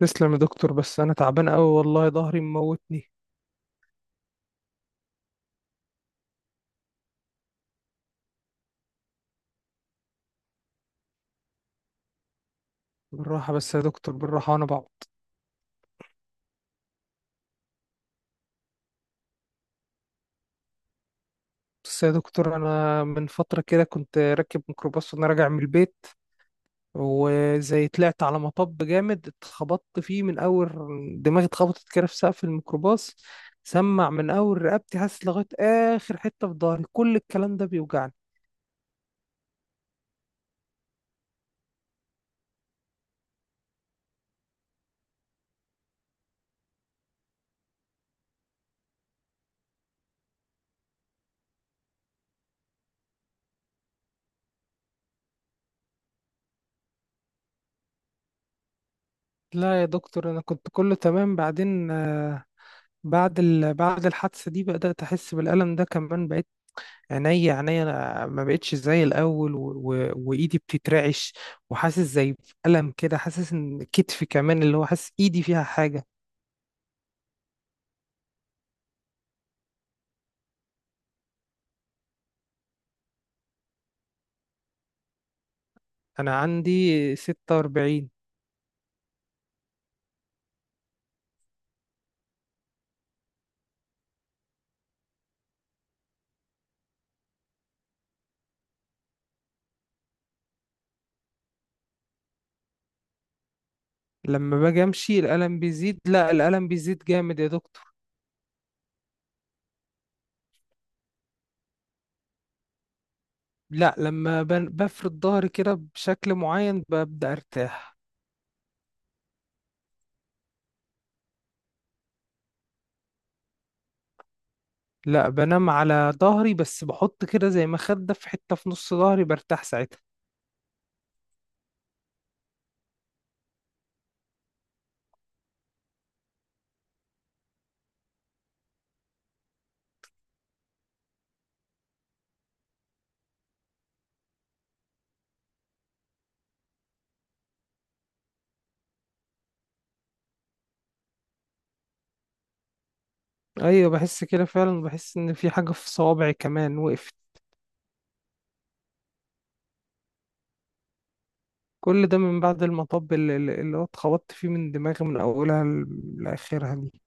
تسلم يا دكتور، بس انا تعبان قوي والله ظهري مموتني. بالراحه بس يا دكتور بالراحه وانا بعبط. بس يا دكتور انا من فتره كده كنت راكب ميكروباص وانا راجع من البيت، وزي طلعت على مطب جامد اتخبطت فيه من اول دماغي، اتخبطت كده في سقف الميكروباص، سمع من اول رقبتي حاسس لغايه اخر حته في ظهري، كل الكلام ده بيوجعني. لا يا دكتور انا كنت كله تمام، بعدين بعد الحادثه دي بدات احس بالالم ده، كمان بقيت عينيا انا ما بقتش زي الاول، وايدي بتترعش، وحاسس زي بألم كده، حاسس ان كتفي كمان اللي هو حاسس ايدي فيها حاجة. انا عندي 46. لما باجي امشي الألم بيزيد، لا الألم بيزيد جامد يا دكتور. لا لما بفرد ظهري كده بشكل معين ببدأ ارتاح. لا بنام على ظهري، بس بحط كده زي مخدة في حتة في نص ظهري برتاح ساعتها. ايوه بحس كده فعلا، بحس ان في حاجة في صوابعي كمان وقفت. كل ده من بعد المطب اللي هو اتخبطت فيه من دماغي من أولها لآخرها دي.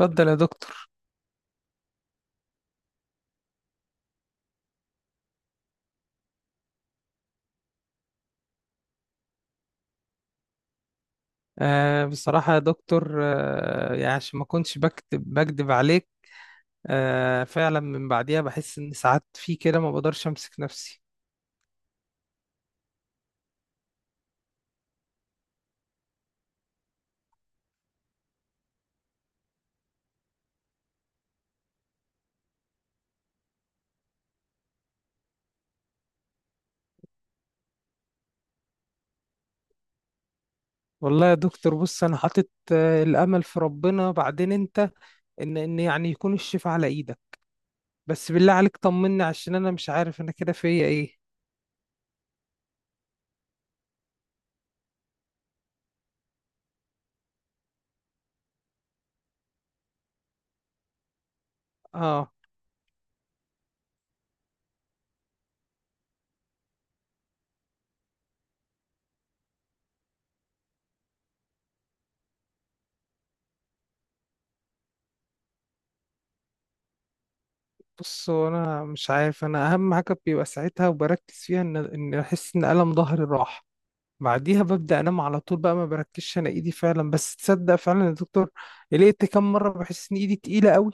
اتفضل يا دكتور. آه بصراحة يا دكتور، يعني عشان ما كنتش بكتب بكدب عليك. آه فعلا من بعديها بحس إن ساعات في كده ما بقدرش أمسك نفسي. والله يا دكتور بص أنا حاطط الأمل في ربنا، بعدين أنت، إن يعني يكون الشفاء على إيدك. بس بالله عليك طمني، عشان أنا مش عارف أنا كده فيا إيه. آه. بص هو انا مش عارف، انا اهم حاجه بيبقى ساعتها وبركز فيها ان احس ان الم ظهري راح، بعديها ببدا انام على طول بقى، ما بركزش انا ايدي فعلا، بس تصدق فعلا يا دكتور، لقيت كم مره بحس ان ايدي تقيله قوي.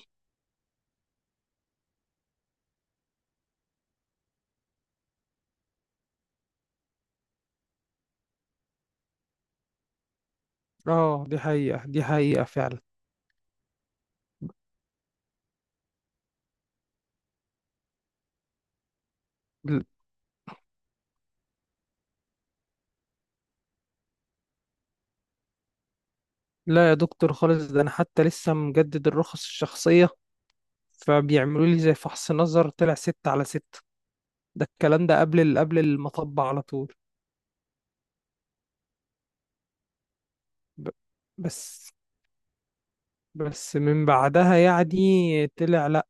اه دي حقيقه، دي حقيقه فعلا. ل- لا يا دكتور خالص، ده انا حتى لسه مجدد الرخص الشخصيه، فبيعملوا لي زي فحص نظر طلع ستة على ستة، ده الكلام ده قبل المطب على طول. ب- بس. بس من بعدها يعني طلع.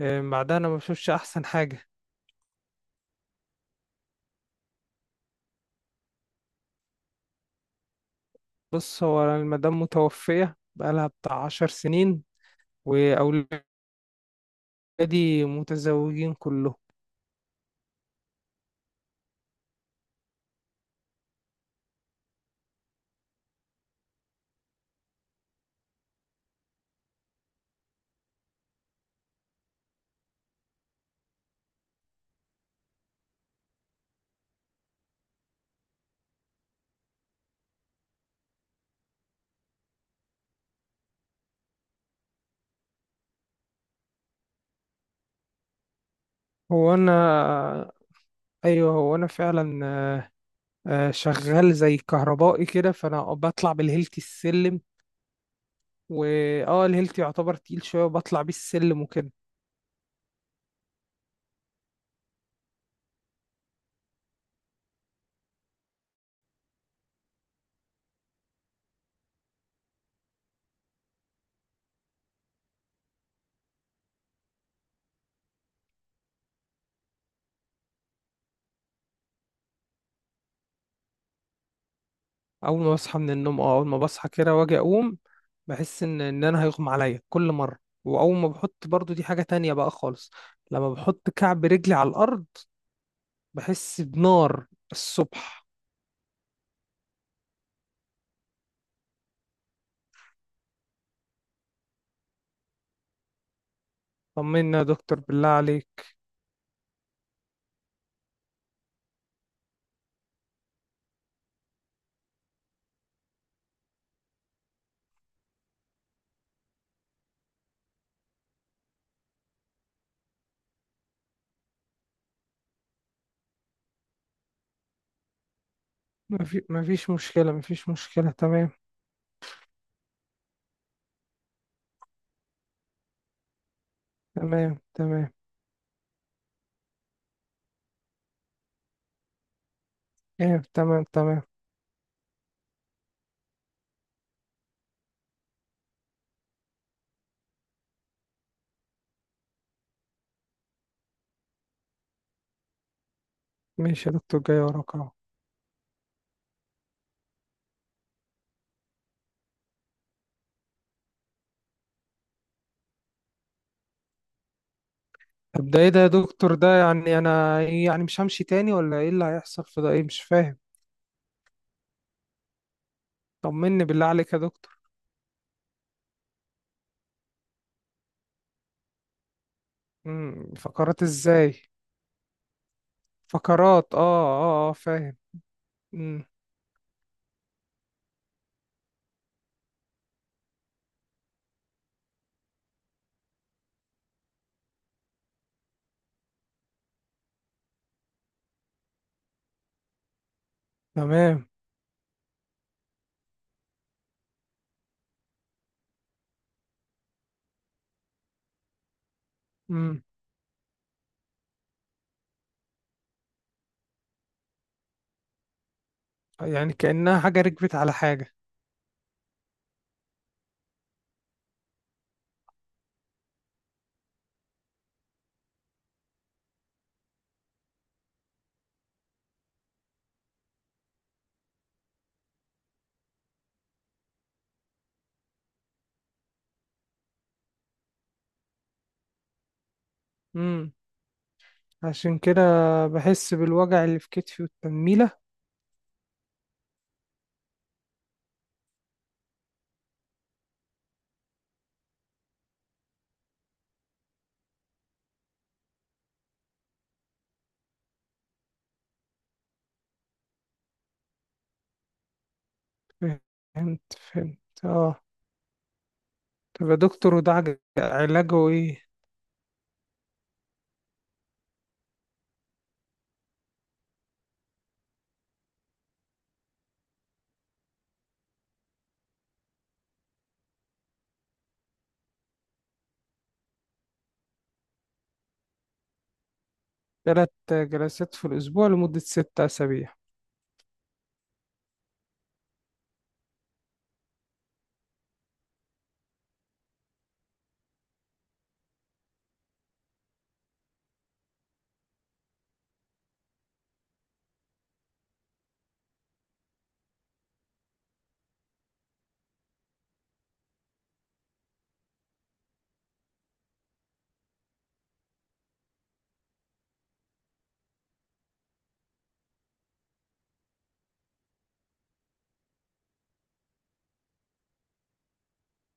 بعدها انا ما بشوفش احسن حاجه. بص هو المدام متوفيه بقالها بتاع عشر سنين، واولادي متزوجين كلهم. هو انا ايوه هو انا فعلا، شغال زي كهربائي كده، فانا بطلع بالهيلتي السلم، واه الهيلتي يعتبر تقيل شويه وبطلع بيه السلم وكده. اول ما بصحى من النوم، اه اول ما بصحى كده واجي اقوم بحس ان انا هيغمى عليا كل مره. واول ما بحط برضو دي حاجه تانية بقى خالص، لما بحط كعب رجلي على الارض بحس بنار الصبح. طمنا يا دكتور بالله عليك. مفيش مشكلة، مفيش مشكلة تمام. تمام تمام. ايه تمام تمام. ماشي يا دكتور، جاي وراك اهو. طب ده ايه ده يا دكتور؟ ده يعني انا إيه؟ يعني مش همشي تاني ولا ايه اللي هيحصل في ده؟ ايه مش فاهم. طمني بالله عليك يا دكتور. امم، فقرات ازاي؟ فقرات، اه اه اه فاهم. امم. تمام. امم. يعني كأنها حاجة ركبت على حاجة. امم. عشان كده بحس بالوجع اللي في كتفي والتنميلة. فهمت فهمت. اه تبقى دكتور، وده علاجه ايه؟ تلات جلسات في الأسبوع لمدة ست أسابيع.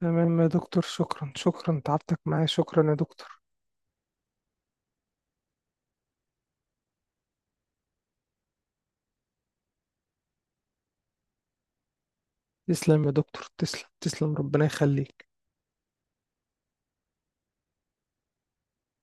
تمام يا دكتور، شكرا شكرا تعبتك معايا، شكرا يا دكتور. تسلم يا دكتور، تسلم تسلم ربنا يخليك.